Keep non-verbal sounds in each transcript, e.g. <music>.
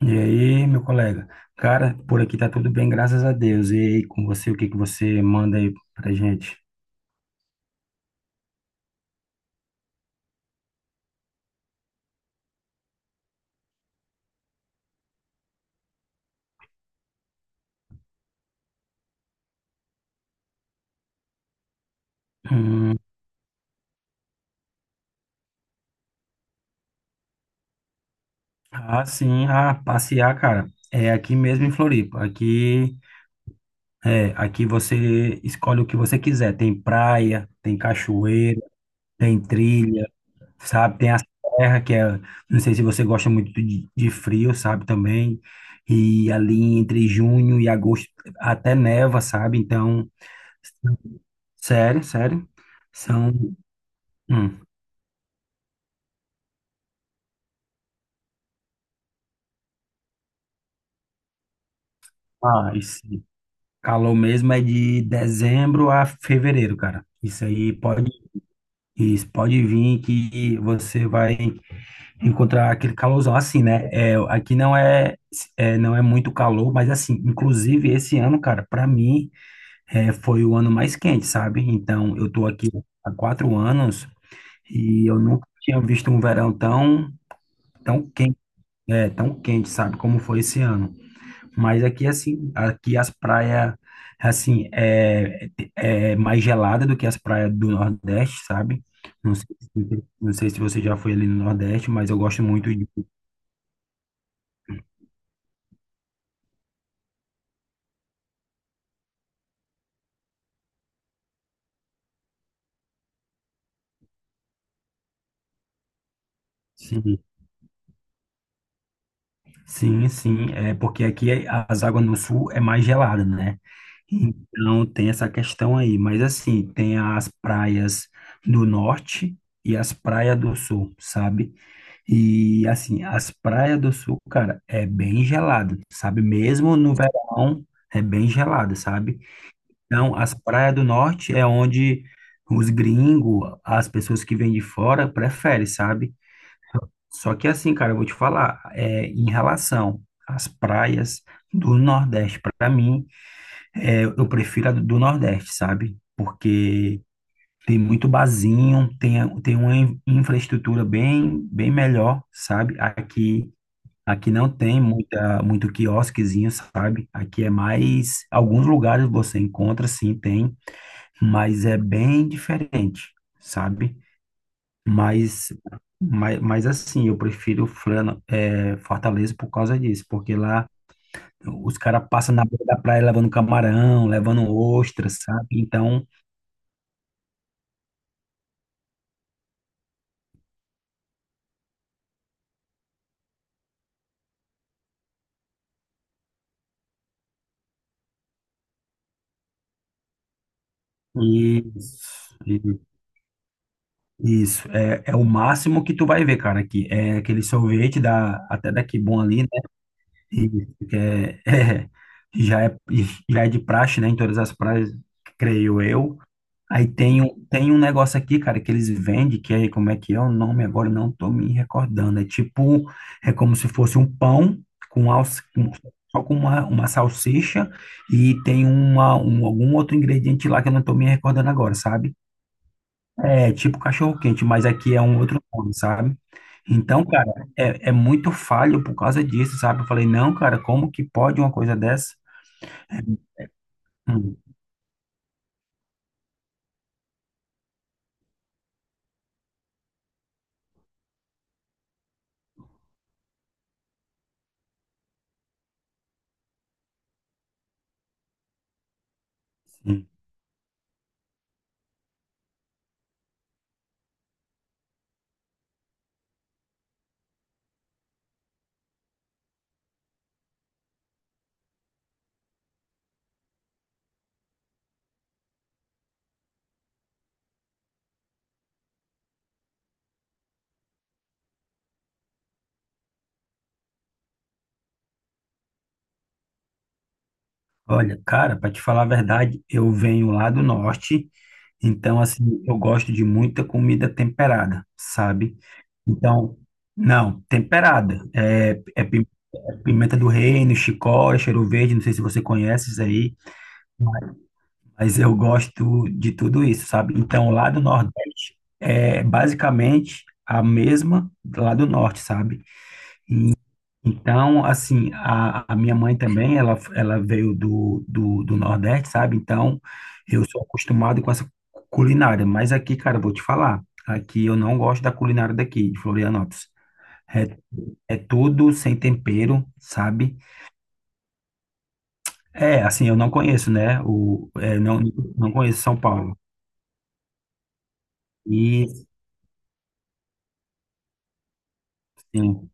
E aí, meu colega? Cara, por aqui tá tudo bem, graças a Deus. E aí, com você, o que que você manda aí pra gente? Hum, ah, sim, ah, passear, cara. É aqui mesmo em Floripa. Aqui você escolhe o que você quiser. Tem praia, tem cachoeira, tem trilha, sabe? Tem a serra, que é, não sei se você gosta muito de frio, sabe, também. E ali entre junho e agosto até neva, sabe? Então. Sério, sério. São. Hum. Ah, esse calor mesmo é de dezembro a fevereiro, cara. Isso pode vir que você vai encontrar aquele calorzão assim, né? Aqui não é muito calor, mas assim, inclusive esse ano, cara, para mim foi o ano mais quente, sabe? Então eu tô aqui há 4 anos e eu nunca tinha visto um verão tão, tão quente, tão quente, sabe? Como foi esse ano. Mas aqui, assim, aqui as praias, assim, é mais gelada do que as praias do Nordeste, sabe? Não sei se você já foi ali no Nordeste, mas eu gosto muito de. Sim, sim, sim, é porque as águas no Sul é mais gelada, né? Então tem essa questão aí, mas assim, tem as praias do Norte e as praias do Sul, sabe? E assim, as praias do sul, cara, é bem gelado, sabe? Mesmo no verão, é bem gelado, sabe? Então, as praias do norte é onde os gringos, as pessoas que vêm de fora, preferem, sabe? Só que assim, cara, eu vou te falar, em relação às praias do Nordeste, pra mim, eu prefiro a do Nordeste, sabe? Porque tem muito barzinho, tem uma infraestrutura bem, bem melhor, sabe? Aqui. Aqui não tem muito quiosquezinho, sabe? Aqui é mais. Alguns lugares você encontra, sim, tem, mas é bem diferente, sabe? Mas, mas assim, eu prefiro Fortaleza por causa disso, porque lá os caras passam na beira da praia levando camarão, levando ostra, sabe? Então, isso, e- isso é o máximo que tu vai ver, cara, aqui. É aquele sorvete da, até daqui bom ali. Isso, que já é, já é de praxe, né? Em todas as praias, creio eu. Aí tem um negócio aqui, cara, que eles vendem, que é, como é que é o nome agora? Não tô me recordando. É como se fosse um pão com, alça, com só com uma salsicha e tem algum outro ingrediente lá que eu não tô me recordando agora, sabe? É tipo cachorro-quente, mas aqui é um outro nome, sabe? Então, cara, é muito falho por causa disso, sabe? Eu falei, não, cara, como que pode uma coisa dessa? É. Hum. Sim. Olha, cara, para te falar a verdade, eu venho lá do norte, então, assim, eu gosto de muita comida temperada, sabe? Então, não, temperada. É pimenta do reino, chicória, cheiro verde, não sei se você conhece isso aí. Mas eu gosto de tudo isso, sabe? Então, lá do Nordeste é basicamente a mesma lá do Norte, sabe? Então, assim, a minha mãe também, ela veio do Nordeste, sabe? Então, eu sou acostumado com essa culinária. Mas aqui, cara, eu vou te falar, aqui eu não gosto da culinária daqui, de Florianópolis. É, é tudo sem tempero, sabe? É, assim, eu não conheço, né? O, é, não, não conheço São Paulo. E, sim,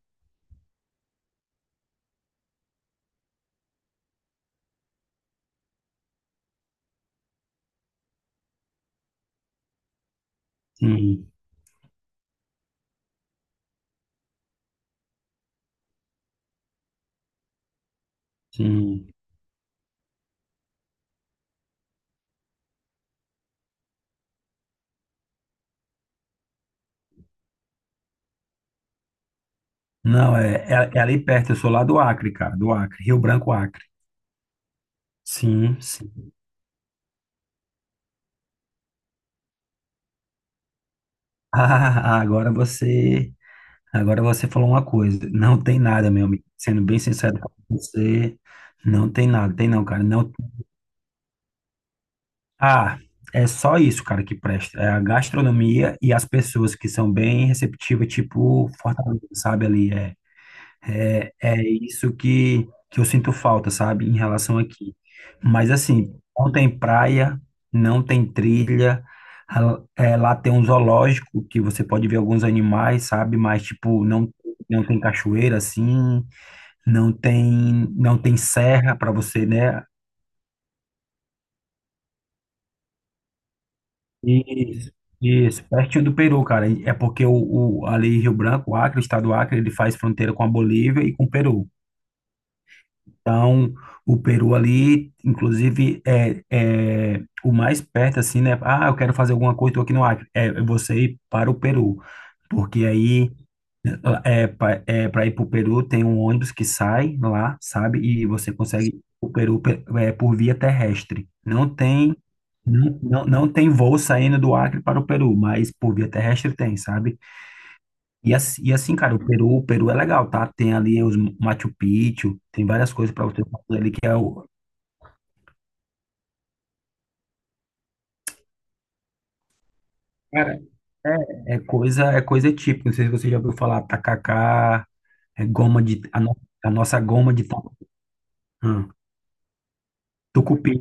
sim. Sim. Não, é ali perto, eu sou lá do Acre, cara, do Acre, Rio Branco, Acre. Sim, sim. <laughs> Ah, agora você falou uma coisa. Não tem nada, meu amigo. Sendo bem sincero com você, não tem nada, tem não, cara. Não. Ah, é só isso, cara, que presta. É a gastronomia e as pessoas que são bem receptivas, tipo Fortaleza, sabe ali, é. É isso que eu sinto falta, sabe, em relação aqui. Mas assim, não tem praia, não tem trilha. Ah, é, lá tem um zoológico que você pode ver alguns animais, sabe? Mas tipo, não, não tem cachoeira assim, não tem serra para você, né? Isso, isso, pertinho do Peru, cara. É porque o ali Rio Branco, o Acre, o estado do Acre, ele faz fronteira com a Bolívia e com o Peru. Então, o Peru ali, inclusive, é o mais perto, assim, né? Ah, eu quero fazer alguma coisa, tô aqui no Acre. É você ir para o Peru. Porque aí, para ir para o Peru, tem um ônibus que sai lá, sabe? E você consegue ir o Peru por via terrestre. Não tem, não, não, não tem voo saindo do Acre para o Peru, mas por via terrestre tem, sabe? E assim, cara, o Peru é legal, tá? Tem ali os Machu Picchu, tem várias coisas para você fazer ali que é o. Cara, é coisa típica. Não sei se você já ouviu falar tacacá, é goma de a, no- a nossa goma de ta- hum, tucupi.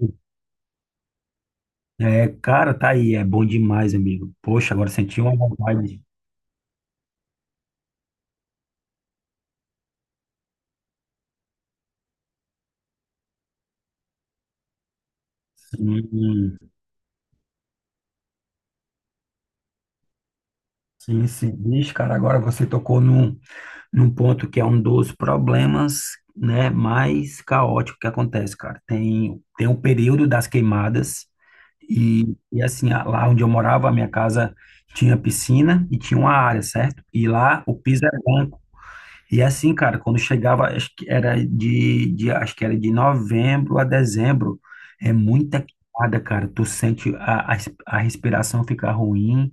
É, cara, tá aí, é bom demais, amigo. Poxa, agora senti uma vontade. Sim, sim, sim. Bicho, cara, agora você tocou num ponto que é um dos problemas, né, mais caótico que acontece, cara. Tem o período das queimadas e assim, lá onde eu morava, a minha casa tinha piscina e tinha uma área, certo? E lá o piso era branco. E assim, cara, quando chegava, acho que era de novembro a dezembro, é muita queimada, cara. Tu sente a respiração ficar ruim.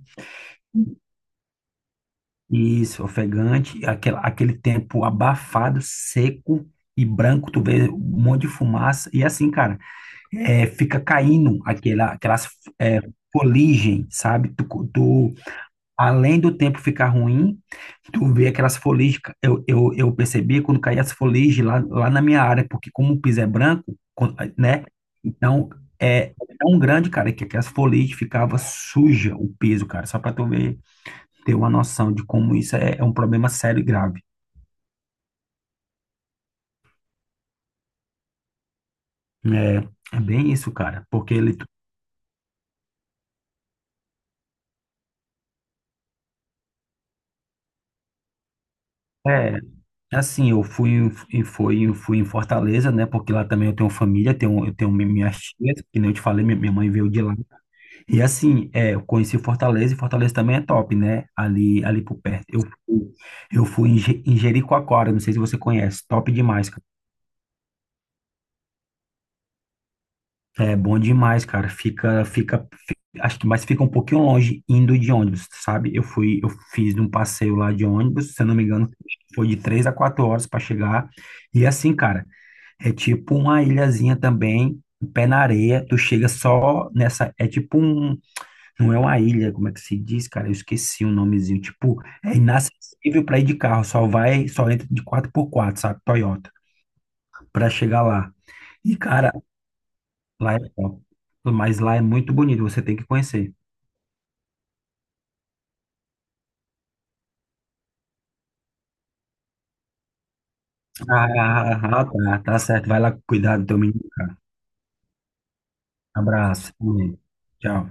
Isso, ofegante, aquele tempo abafado, seco e branco, tu vê um monte de fumaça, e assim, cara, fica caindo aquelas é, foligem, sabe? Tu- Além do tempo ficar ruim, tu vê aquelas foligens, eu percebi quando caía as foligens lá na minha área, porque como o piso é branco, quando- né? Então, é tão grande, cara, que aquelas foligens ficava suja o piso, cara, só pra tu ver ter uma noção de como isso é, é um problema sério e grave. É bem isso, cara, porque ele é é assim, eu fui em- em- fui em- fui em Fortaleza, né? Porque lá também eu tenho família, tenho minhas tias, que nem eu te falei, minha mãe veio de lá. E assim, eu conheci Fortaleza e Fortaleza também é top, né? Ali por perto. Eu fui em Jericoacoara, não sei se você conhece, top demais. É bom demais, cara. Acho que mais fica um pouquinho longe indo de ônibus, sabe? Eu fiz um passeio lá de ônibus, se eu não me engano, foi de 3 a 4 horas para chegar. E assim, cara, é tipo uma ilhazinha também, pé na areia. Tu chega só nessa, é tipo um, não é uma ilha, como é que se diz, cara? Eu esqueci o nomezinho. Tipo, é inacessível para ir de carro, só vai, só entra de 4x4, sabe? Toyota, para chegar lá. E, cara, lá é top. Mas lá é muito bonito, você tem que conhecer. Ah, ah, ah, tá, tá certo. Vai lá cuidar do teu menino, cara. Abraço. Tchau.